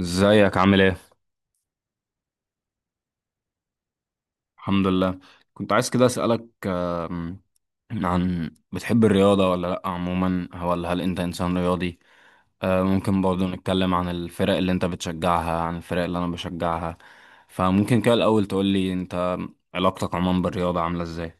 ازيك عامل ايه؟ الحمد لله. كنت عايز كده اسألك عن بتحب الرياضة ولا لأ عموما، ولا هل انت انسان رياضي؟ ممكن برضو نتكلم عن الفرق اللي انت بتشجعها، عن الفرق اللي انا بشجعها. فممكن كده الأول تقولي انت علاقتك عموما بالرياضة عاملة ازاي؟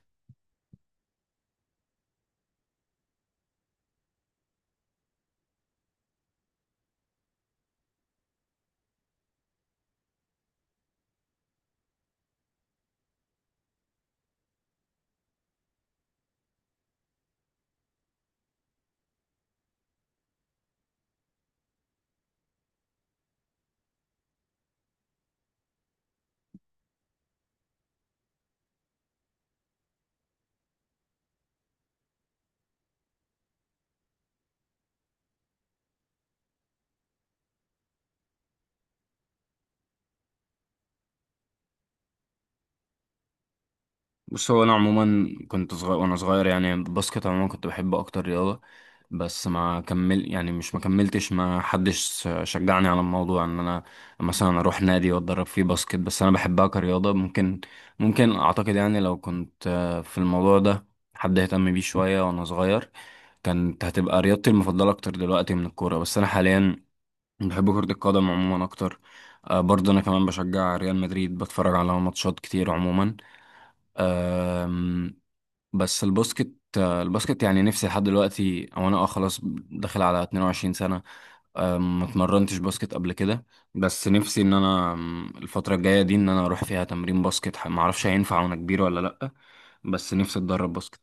بص، هو انا عموما كنت صغير وانا صغير يعني الباسكت عموما كنت بحب اكتر رياضه. بس ما كمل، يعني مش، ما كملتش، ما حدش شجعني على الموضوع ان انا مثلا اروح نادي واتدرب فيه باسكت. بس انا بحبها كرياضه. ممكن اعتقد يعني لو كنت في الموضوع ده حد اهتم بيه شويه وانا صغير، كانت هتبقى رياضتي المفضله اكتر دلوقتي من الكوره. بس انا حاليا بحب كره القدم عموما اكتر. برضه انا كمان بشجع ريال مدريد، بتفرج على ماتشات كتير عموما. بس الباسكت، الباسكت يعني نفسي لحد دلوقتي، او انا اه خلاص داخل على 22 سنة. ما اتمرنتش باسكت قبل كده. بس نفسي ان انا الفترة الجاية دي ان انا اروح فيها تمرين باسكت، ما اعرفش هينفع وانا كبير ولا لا. بس نفسي اتدرب باسكت.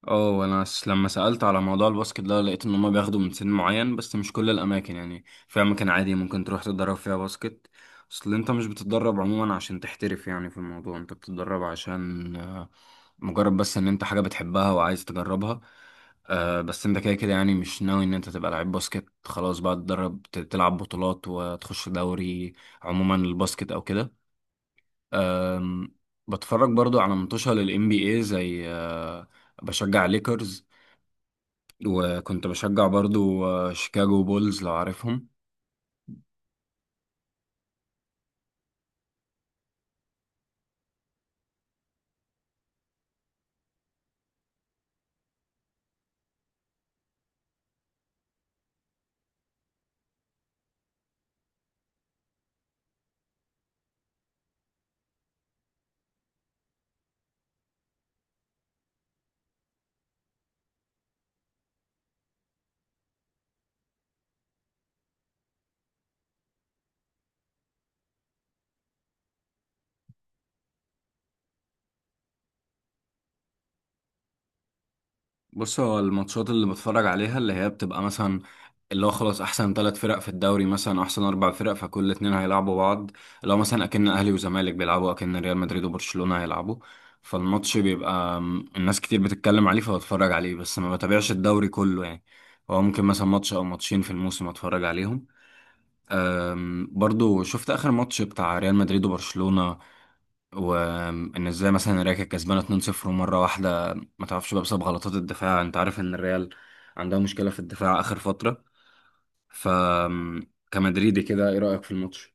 اه انا لما سألت على موضوع الباسكت ده لقيت ان هما بياخدوا من سن معين، بس مش كل الاماكن، يعني في اماكن عادي ممكن تروح تتدرب فيها باسكت. اصل انت مش بتتدرب عموما عشان تحترف يعني في الموضوع، انت بتتدرب عشان مجرد بس ان انت حاجة بتحبها وعايز تجربها. بس انت كده كده يعني مش ناوي ان انت تبقى لعيب باسكت خلاص بقى تتدرب تلعب بطولات وتخش دوري، عموما الباسكت او كده. آم، بتفرج برضو على منتشر للام بي اي، زي بشجع ليكرز، وكنت بشجع برضو شيكاغو بولز لو عارفهم. بص، هو الماتشات اللي بتفرج عليها اللي هي بتبقى مثلا، اللي هو خلاص احسن ثلاث فرق في الدوري مثلا، احسن اربع فرق، فكل اتنين هيلعبوا بعض. لو مثلا اكن اهلي وزمالك بيلعبوا، اكن ريال مدريد وبرشلونة هيلعبوا، فالماتش بيبقى الناس كتير بتتكلم عليه فبتفرج عليه. بس ما بتابعش الدوري كله يعني، هو ممكن مثلا ماتش او ماتشين في الموسم اتفرج عليهم. برضو شفت اخر ماتش بتاع ريال مدريد وبرشلونة، وان ازاي مثلا الريال كانت كسبانه 2-0، ومره واحده ما تعرفش بقى، بسبب غلطات الدفاع انت عارف ان الريال عندها مشكله في الدفاع اخر فتره. ف كمدريدي كده ايه رايك في الماتش؟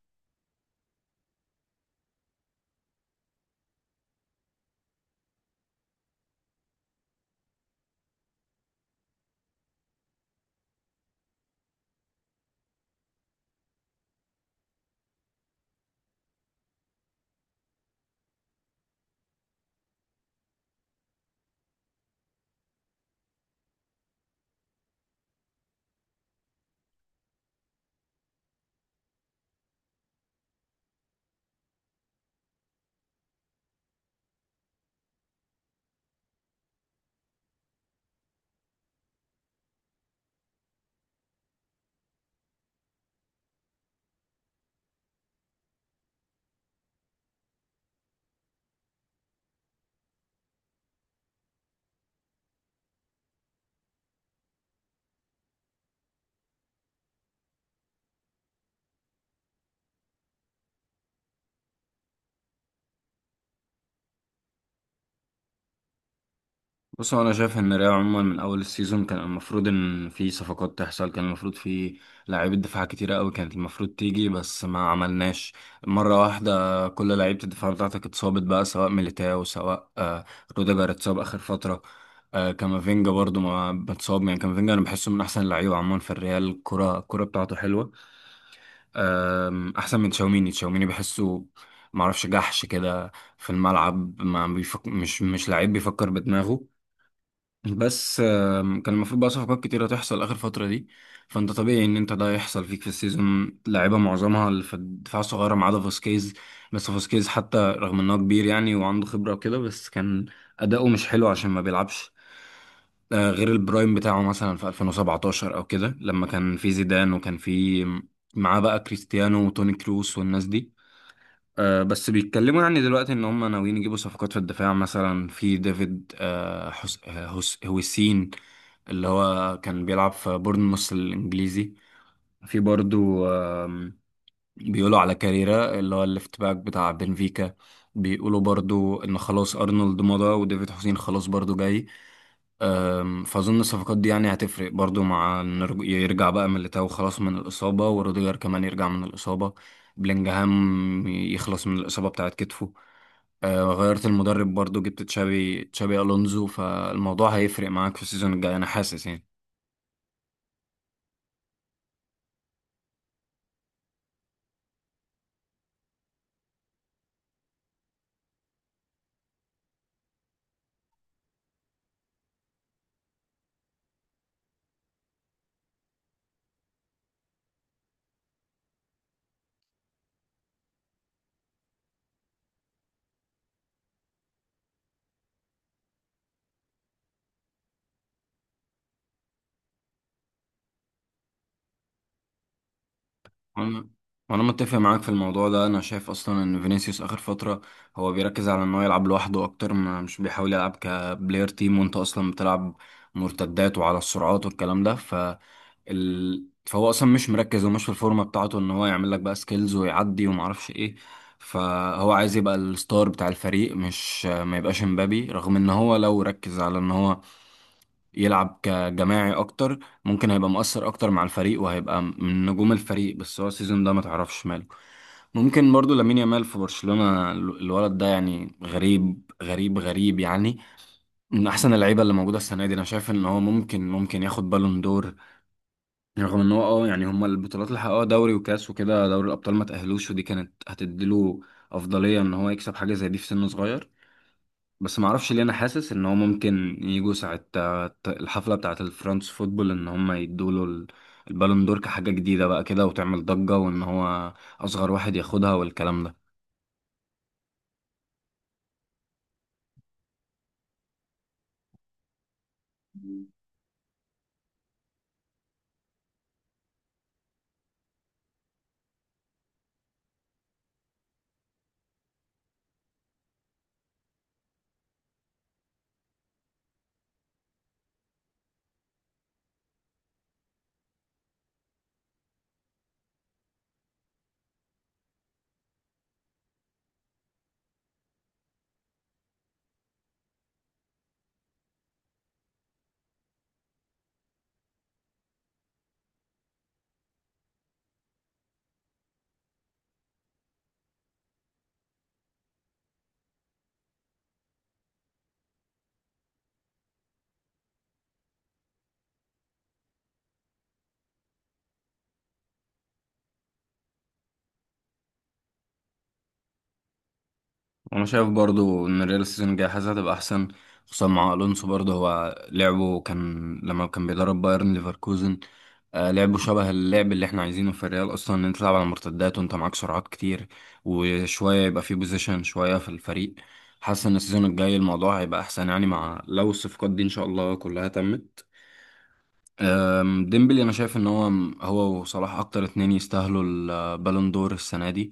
بص، هو انا شايف ان ريال عموما من اول السيزون كان المفروض ان في صفقات تحصل، كان المفروض في لاعيبه دفاع كتيره قوي كانت المفروض تيجي، بس ما عملناش. مره واحده كل لعيبه الدفاع بتاعتك اتصابت بقى، سواء ميليتاو سواء روديجر اتصاب اخر فتره. كامافينجا برضو ما متصاب، يعني كامافينجا انا بحسه من احسن اللعيبه عموما في الريال، الكره بتاعته حلوه. احسن من تشاوميني. تشاوميني بحسه معرفش، جحش كده في الملعب، ما بيفك... مش لعيب بيفكر بدماغه. بس كان المفروض بقى صفقات كتيرة تحصل آخر فترة دي. فأنت طبيعي إن أنت ده يحصل فيك في السيزون، لعيبة معظمها اللي في الدفاع الصغيرة ما عدا فاسكيز. بس فاسكيز حتى رغم إن هو كبير يعني وعنده خبرة وكده، بس كان أداؤه مش حلو عشان ما بيلعبش غير البرايم بتاعه مثلا في 2017 أو كده، لما كان في زيدان وكان في معاه بقى كريستيانو وتوني كروس والناس دي. بس بيتكلموا يعني دلوقتي ان هم ناويين يجيبوا صفقات في الدفاع، مثلا في ديفيد هوسين اللي هو كان بيلعب في بورنموث الانجليزي، في برضو بيقولوا على كاريرا اللي هو الليفت باك بتاع بنفيكا، بيقولوا برضو ان خلاص ارنولد مضى وديفيد حسين خلاص برضو جاي. فاظن الصفقات دي يعني هتفرق برضو، مع إن يرجع بقى ميليتاو خلاص من الاصابه، وروديجر كمان يرجع من الاصابه، بلينجهام يخلص من الاصابه بتاعت كتفه. غيرت المدرب برضو، جبت تشابي الونزو، فالموضوع هيفرق معاك في السيزون الجاي انا حاسس يعني. انا انا متفق معاك في الموضوع ده، انا شايف اصلا ان فينيسيوس اخر فتره هو بيركز على ان هو يلعب لوحده اكتر، ما مش بيحاول يلعب كبلاير تيم، وانت اصلا بتلعب مرتدات وعلى السرعات والكلام ده. ف فهو اصلا مش مركز ومش في الفورمه بتاعته ان هو يعمل لك بقى سكيلز ويعدي وما اعرفش ايه. فهو عايز يبقى الستار بتاع الفريق، مش ما يبقاش امبابي، رغم ان هو لو ركز على ان هو يلعب كجماعي اكتر ممكن هيبقى مؤثر اكتر مع الفريق، وهيبقى من نجوم الفريق. بس هو السيزون ده ما تعرفش ماله. ممكن برضو لامين يامال في برشلونة، الولد ده يعني غريب غريب غريب يعني، من احسن اللعيبه اللي موجوده السنه دي. انا شايف ان هو ممكن ياخد بالون دور، رغم ان هو اه يعني هما البطولات اللي حققوها دوري وكاس وكده، دوري الابطال ما تاهلوش، ودي كانت هتديله افضليه ان هو يكسب حاجه زي دي في سن صغير. بس ما اعرفش ليه انا حاسس ان هو ممكن يجوا ساعة الحفلة بتاعة الفرنس فوتبول ان هم يدوا له البالون دور كحاجة جديدة بقى كده وتعمل ضجة، وان هو اصغر واحد ياخدها والكلام ده. انا شايف برضو ان الريال السيزون الجاي حاسس هتبقى احسن، خصوصا مع الونسو. برضو هو لعبه كان لما كان بيدرب بايرن ليفركوزن لعبه شبه اللعب اللي احنا عايزينه في الريال اصلا، ان انت تلعب على المرتدات وانت معاك سرعات كتير، وشويه يبقى في بوزيشن شويه في الفريق. حاسس ان السيزون الجاي الموضوع هيبقى احسن يعني مع لو الصفقات دي ان شاء الله كلها تمت. ديمبلي انا شايف ان هو، هو وصلاح اكتر اتنين يستاهلوا البالون دور السنه دي،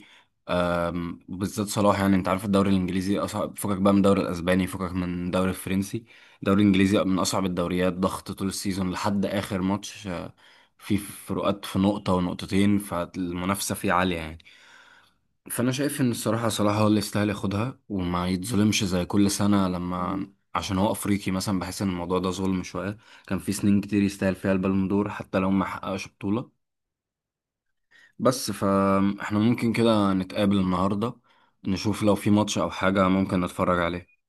بالذات صلاح. يعني انت عارف الدوري الانجليزي اصعب، فكك بقى من الدوري الاسباني، فكك من الدوري الفرنسي، الدوري الانجليزي من اصعب الدوريات، ضغط طول السيزون لحد اخر ماتش في فروقات في نقطة ونقطتين، فالمنافسة فيه عالية يعني. فانا شايف ان الصراحة صلاح هو اللي يستاهل ياخدها، وما يتظلمش زي كل سنة لما، عشان هو افريقي مثلا بحس ان الموضوع ده ظلم شوية. كان في سنين كتير يستاهل فيها البالون دور حتى لو ما حققش بطولة. بس فاحنا ممكن كده نتقابل النهاردة، نشوف لو في ماتش أو حاجة ممكن نتفرج عليه.